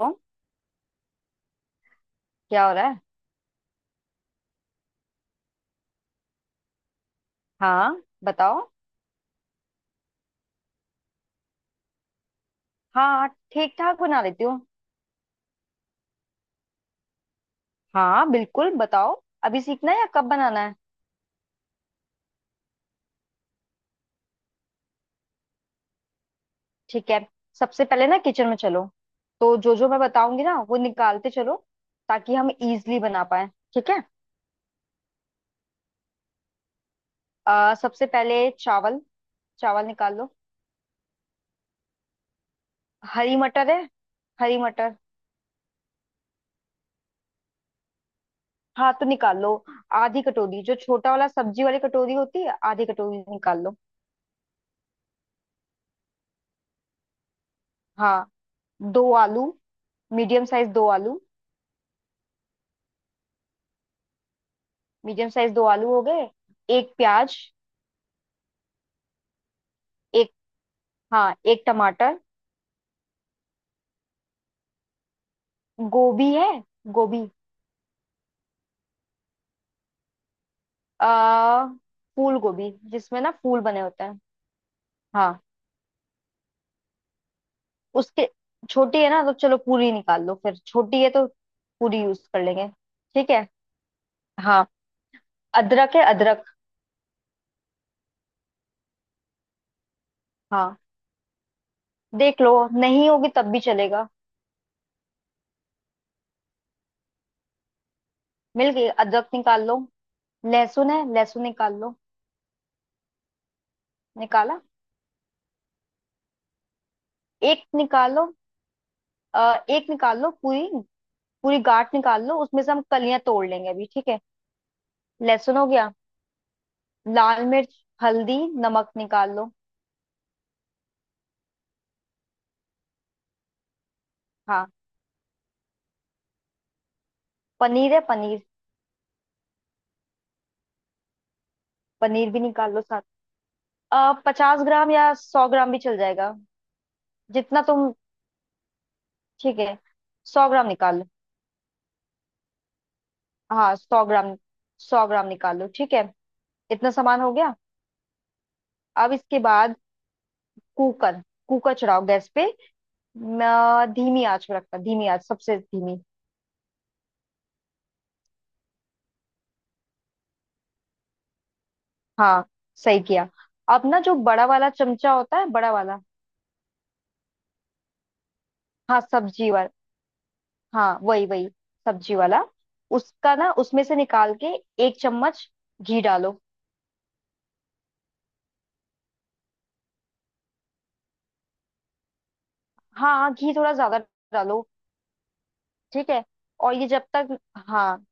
ओ, क्या हो रहा है। हाँ बताओ। हाँ ठीक ठाक बना लेती हूँ। हाँ बिल्कुल बताओ, अभी सीखना है या कब बनाना है। ठीक है, सबसे पहले ना किचन में चलो। तो जो जो मैं बताऊंगी ना वो निकालते चलो ताकि हम इजली बना पाए। ठीक है। सबसे पहले चावल, चावल निकाल लो। हरी मटर है, हरी मटर। हाँ तो निकाल लो। आधी कटोरी, जो छोटा वाला सब्जी वाली कटोरी होती है, आधी कटोरी निकाल लो। हाँ, दो आलू, मीडियम साइज दो आलू। मीडियम साइज दो आलू हो गए। एक प्याज। एक, हाँ एक टमाटर। गोभी है गोभी। आ फूल गोभी जिसमें ना फूल बने होते हैं। हाँ, उसके छोटी है ना तो चलो पूरी निकाल लो, फिर छोटी है तो पूरी यूज कर लेंगे। ठीक है। हाँ, अदरक है अदरक। हाँ देख लो, नहीं होगी तब भी चलेगा। मिल गई, अदरक निकाल लो। लहसुन है, लहसुन निकाल लो। निकाला। एक निकालो, एक निकाल लो पूरी। पूरी गांठ निकाल लो, उसमें से हम कलियां तोड़ लेंगे अभी। ठीक है। लहसुन हो गया। लाल मिर्च, हल्दी, नमक निकाल लो। हाँ, पनीर है पनीर। पनीर भी निकाल लो साथ। 50 ग्राम या 100 ग्राम भी चल जाएगा। जितना तुम। ठीक है, 100 ग्राम निकाल लो। हाँ 100 ग्राम, 100 ग्राम निकाल लो। ठीक है। इतना सामान हो गया। अब इसके बाद कुकर, कुकर चढ़ाओ गैस पे। धीमी आंच पे रखना, धीमी आंच सबसे धीमी। हाँ, सही किया। अब ना जो बड़ा वाला चमचा होता है, बड़ा वाला। हाँ, सब्जी वाला। हाँ वही वही, सब्जी वाला। उसका ना उसमें से निकाल के एक चम्मच घी डालो। हाँ हाँ, घी थोड़ा ज्यादा डालो। ठीक है। और ये जब तक, हाँ,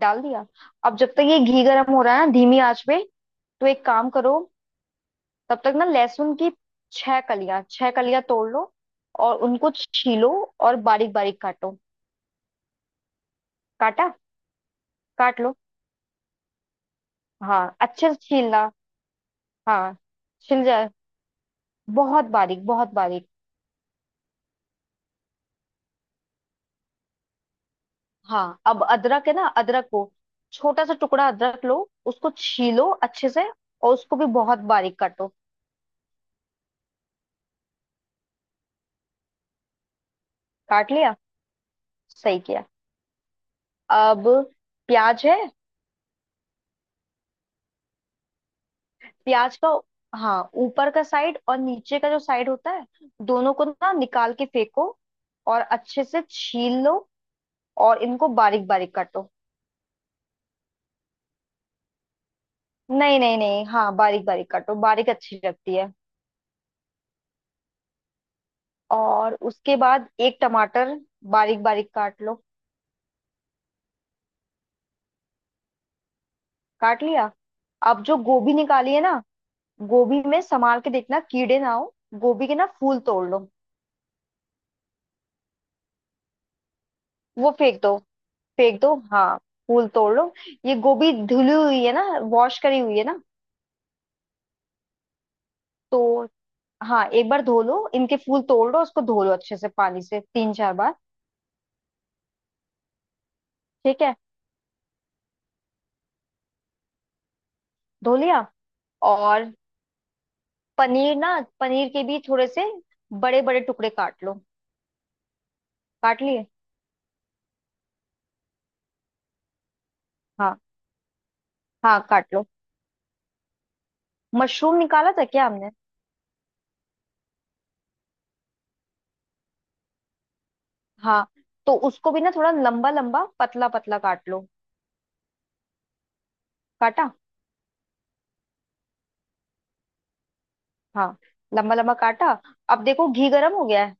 डाल दिया। अब जब तक ये घी गर्म हो रहा है ना धीमी आंच पे, तो एक काम करो। तब तक ना लहसुन की छह कलियां, छह कलियां तोड़ लो और उनको छीलो और बारीक बारीक काटो। काटा, काट लो। हाँ अच्छे से छीलना, हाँ छिल जाए, बहुत बारीक बहुत बारीक। हाँ, अब अदरक है ना, अदरक को छोटा सा टुकड़ा अदरक लो, उसको छीलो अच्छे से और उसको भी बहुत बारीक काटो। काट लिया, सही किया। अब प्याज है। प्याज का, हाँ ऊपर का साइड और नीचे का जो साइड होता है, दोनों को ना निकाल के फेंको और अच्छे से छील लो और इनको बारीक बारीक काटो। नहीं नहीं नहीं, हाँ बारीक बारीक काटो, बारीक अच्छी लगती है। और उसके बाद एक टमाटर बारीक बारीक काट लो। काट लिया। अब जो गोभी निकाली है ना, गोभी में संभाल के देखना कीड़े ना हो। गोभी के ना फूल तोड़ लो। वो फेंक दो, फेंक दो हाँ, फूल तोड़ लो। ये गोभी धुली हुई है ना, वॉश करी हुई है ना। तो हाँ, एक बार धो लो, इनके फूल तोड़ लो, उसको धो लो अच्छे से पानी से तीन चार बार। ठीक है, धो लिया। और पनीर ना, पनीर के भी थोड़े से बड़े बड़े टुकड़े काट लो। काट लिए, हाँ हाँ काट लो। मशरूम निकाला था क्या हमने। हाँ, तो उसको भी ना थोड़ा लंबा लंबा पतला पतला काट लो। काटा, हाँ लंबा लंबा काटा। अब देखो घी गरम हो गया है।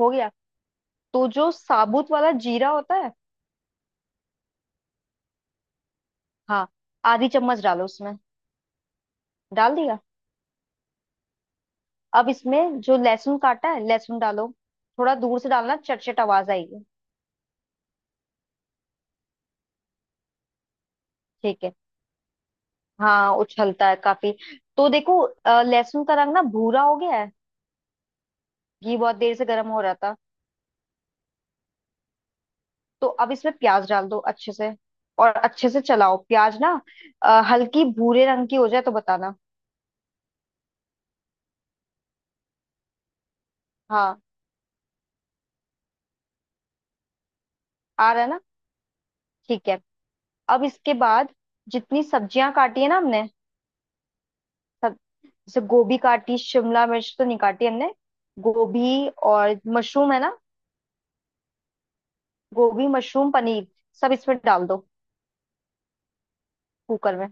हो गया। तो जो साबुत वाला जीरा होता है, हाँ आधी चम्मच डालो उसमें। डाल दिया। अब इसमें जो लहसुन काटा है, लहसुन डालो। थोड़ा दूर से डालना, चटचट आवाज आएगी। ठीक है, हाँ उछलता है काफी। तो देखो लहसुन का रंग ना भूरा हो गया है। घी बहुत देर से गर्म हो रहा था। तो अब इसमें प्याज डाल दो अच्छे से और अच्छे से चलाओ प्याज ना। हल्की भूरे रंग की हो जाए तो बताना। हाँ आ रहा है ना, ठीक है। अब इसके बाद जितनी सब्जियां काटी है ना हमने सब, जैसे गोभी काटी, शिमला मिर्च तो नहीं काटी हमने। गोभी और मशरूम है ना, गोभी मशरूम पनीर सब इसमें डाल दो, कुकर में।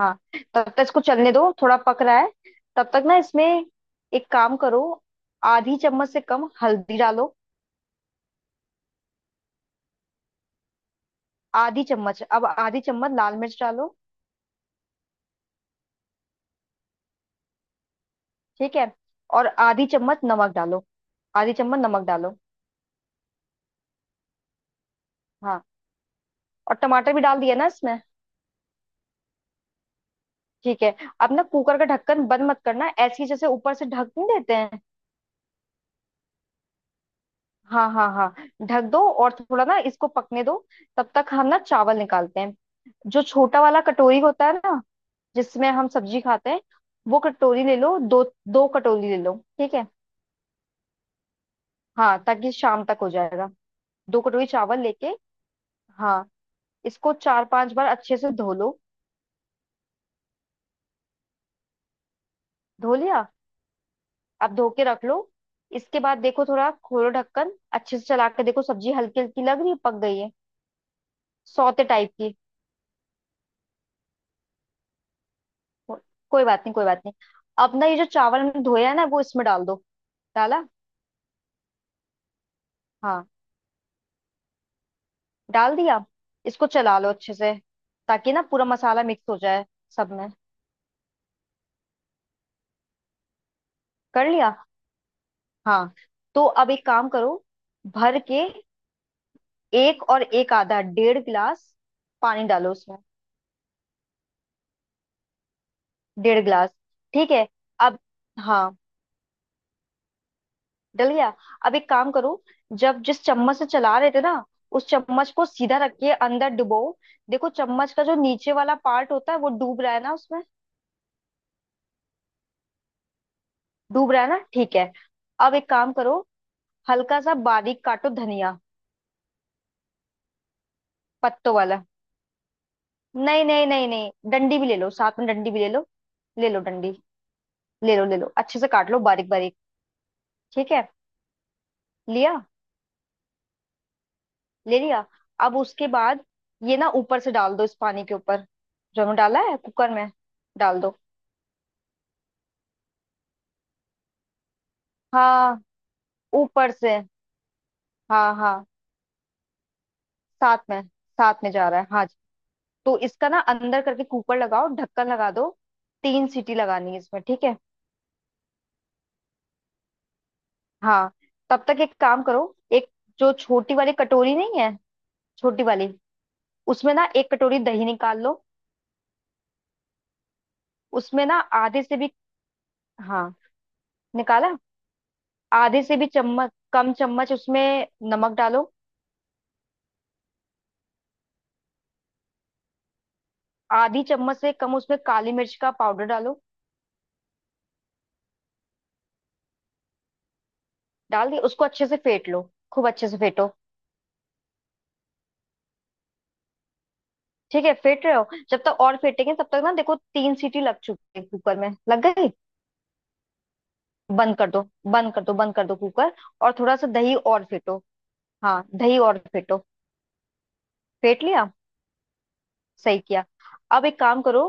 हाँ, तब तक इसको चलने दो, थोड़ा पक रहा है। तब तक ना इसमें एक काम करो, आधी चम्मच से कम हल्दी डालो। आधी चम्मच, अब आधी चम्मच लाल मिर्च डालो। ठीक है, और आधी चम्मच नमक डालो। आधी चम्मच नमक डालो। हाँ, और टमाटर भी डाल दिया ना इसमें। ठीक है। अब ना कुकर का ढक्कन बंद मत करना, ऐसे ही जैसे ऊपर से ढक नहीं देते हैं। हाँ हाँ हाँ, ढक दो और थोड़ा ना इसको पकने दो। तब तक हम ना चावल निकालते हैं। जो छोटा वाला कटोरी होता है ना, जिसमें हम सब्जी खाते हैं, वो कटोरी ले लो दो। दो कटोरी ले लो, ठीक है। हाँ, ताकि शाम तक हो जाएगा। दो कटोरी चावल लेके, हाँ इसको चार पांच बार अच्छे से धो लो। धो लिया। अब धो के रख लो। इसके बाद देखो थोड़ा खोलो ढक्कन, अच्छे से चला के देखो, सब्जी हल्की हल्की लग रही है, पक गई है, सौते टाइप की। को- कोई बात नहीं, कोई बात नहीं। अब ना ये जो चावल हमने धोया है ना, वो इसमें डाल दो। डाला, हाँ डाल दिया। इसको चला लो अच्छे से ताकि ना पूरा मसाला मिक्स हो जाए, सब में। कर लिया, हाँ। तो अब एक काम करो, भर के एक और एक आधा 1.5 गिलास पानी डालो उसमें। 1.5 गिलास, ठीक है। अब, हाँ डल गया। अब एक काम करो, जब जिस चम्मच से चला रहे थे ना, उस चम्मच को सीधा रखिए, अंदर डुबो, देखो चम्मच का जो नीचे वाला पार्ट होता है वो डूब रहा है ना उसमें। डूब रहा है ना, ठीक है। अब एक काम करो, हल्का सा बारीक काटो धनिया, पत्तों वाला। नहीं नहीं नहीं नहीं, डंडी भी ले लो साथ में, डंडी भी ले लो, ले लो डंडी, ले लो अच्छे से काट लो बारीक बारीक। ठीक है, लिया, ले लिया। अब उसके बाद ये ना ऊपर से डाल दो, इस पानी के ऊपर जो हमने डाला है कुकर में। डाल दो हाँ, ऊपर से। हाँ हाँ साथ में, साथ में जा रहा है। हाँ जी, तो इसका ना अंदर करके कुकर लगाओ, ढक्कन लगा दो। तीन सीटी लगानी है इसमें, ठीक है। हाँ, तब तक एक काम करो। एक, जो छोटी वाली कटोरी नहीं है, छोटी वाली, उसमें ना एक कटोरी दही निकाल लो। उसमें ना आधे से भी, हाँ निकाला, आधे से भी चम्मच कम चम्मच उसमें नमक डालो। आधी चम्मच से कम उसमें काली मिर्च का पाउडर डालो। डाल दिया, उसको अच्छे से फेंट लो, खूब अच्छे से फेंटो। ठीक है, फेंट रहे हो जब तक, और फेंटेंगे तब तक ना, देखो तीन सीटी लग चुकी है कुकर में, लग गई। बंद कर दो, बंद कर दो, बंद कर दो कुकर। और थोड़ा सा दही और फेंटो। हाँ, दही और फेंटो। फेंट लिया, सही किया। अब एक काम करो,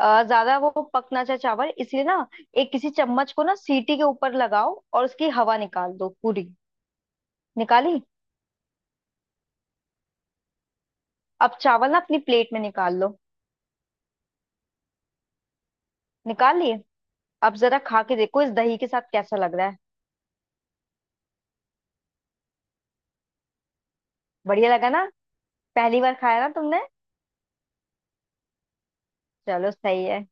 ज्यादा वो पकना चाहे चावल इसलिए ना, एक किसी चम्मच को ना सीटी के ऊपर लगाओ और उसकी हवा निकाल दो पूरी। निकाली। अब चावल ना अपनी प्लेट में निकाल लो। निकाल लिए। अब जरा खा के देखो इस दही के साथ कैसा लग रहा है। बढ़िया लगा ना, पहली बार खाया ना तुमने। चलो सही है।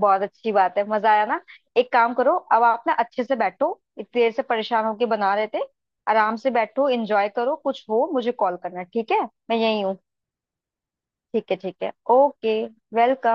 बहुत अच्छी बात है, मजा आया ना। एक काम करो, अब आप ना अच्छे से बैठो, इतनी देर से परेशान होके बना रहे थे, आराम से बैठो, एंजॉय करो, कुछ हो मुझे कॉल करना, ठीक है। मैं यही हूँ। ठीक है ठीक है, ओके। वेलकम।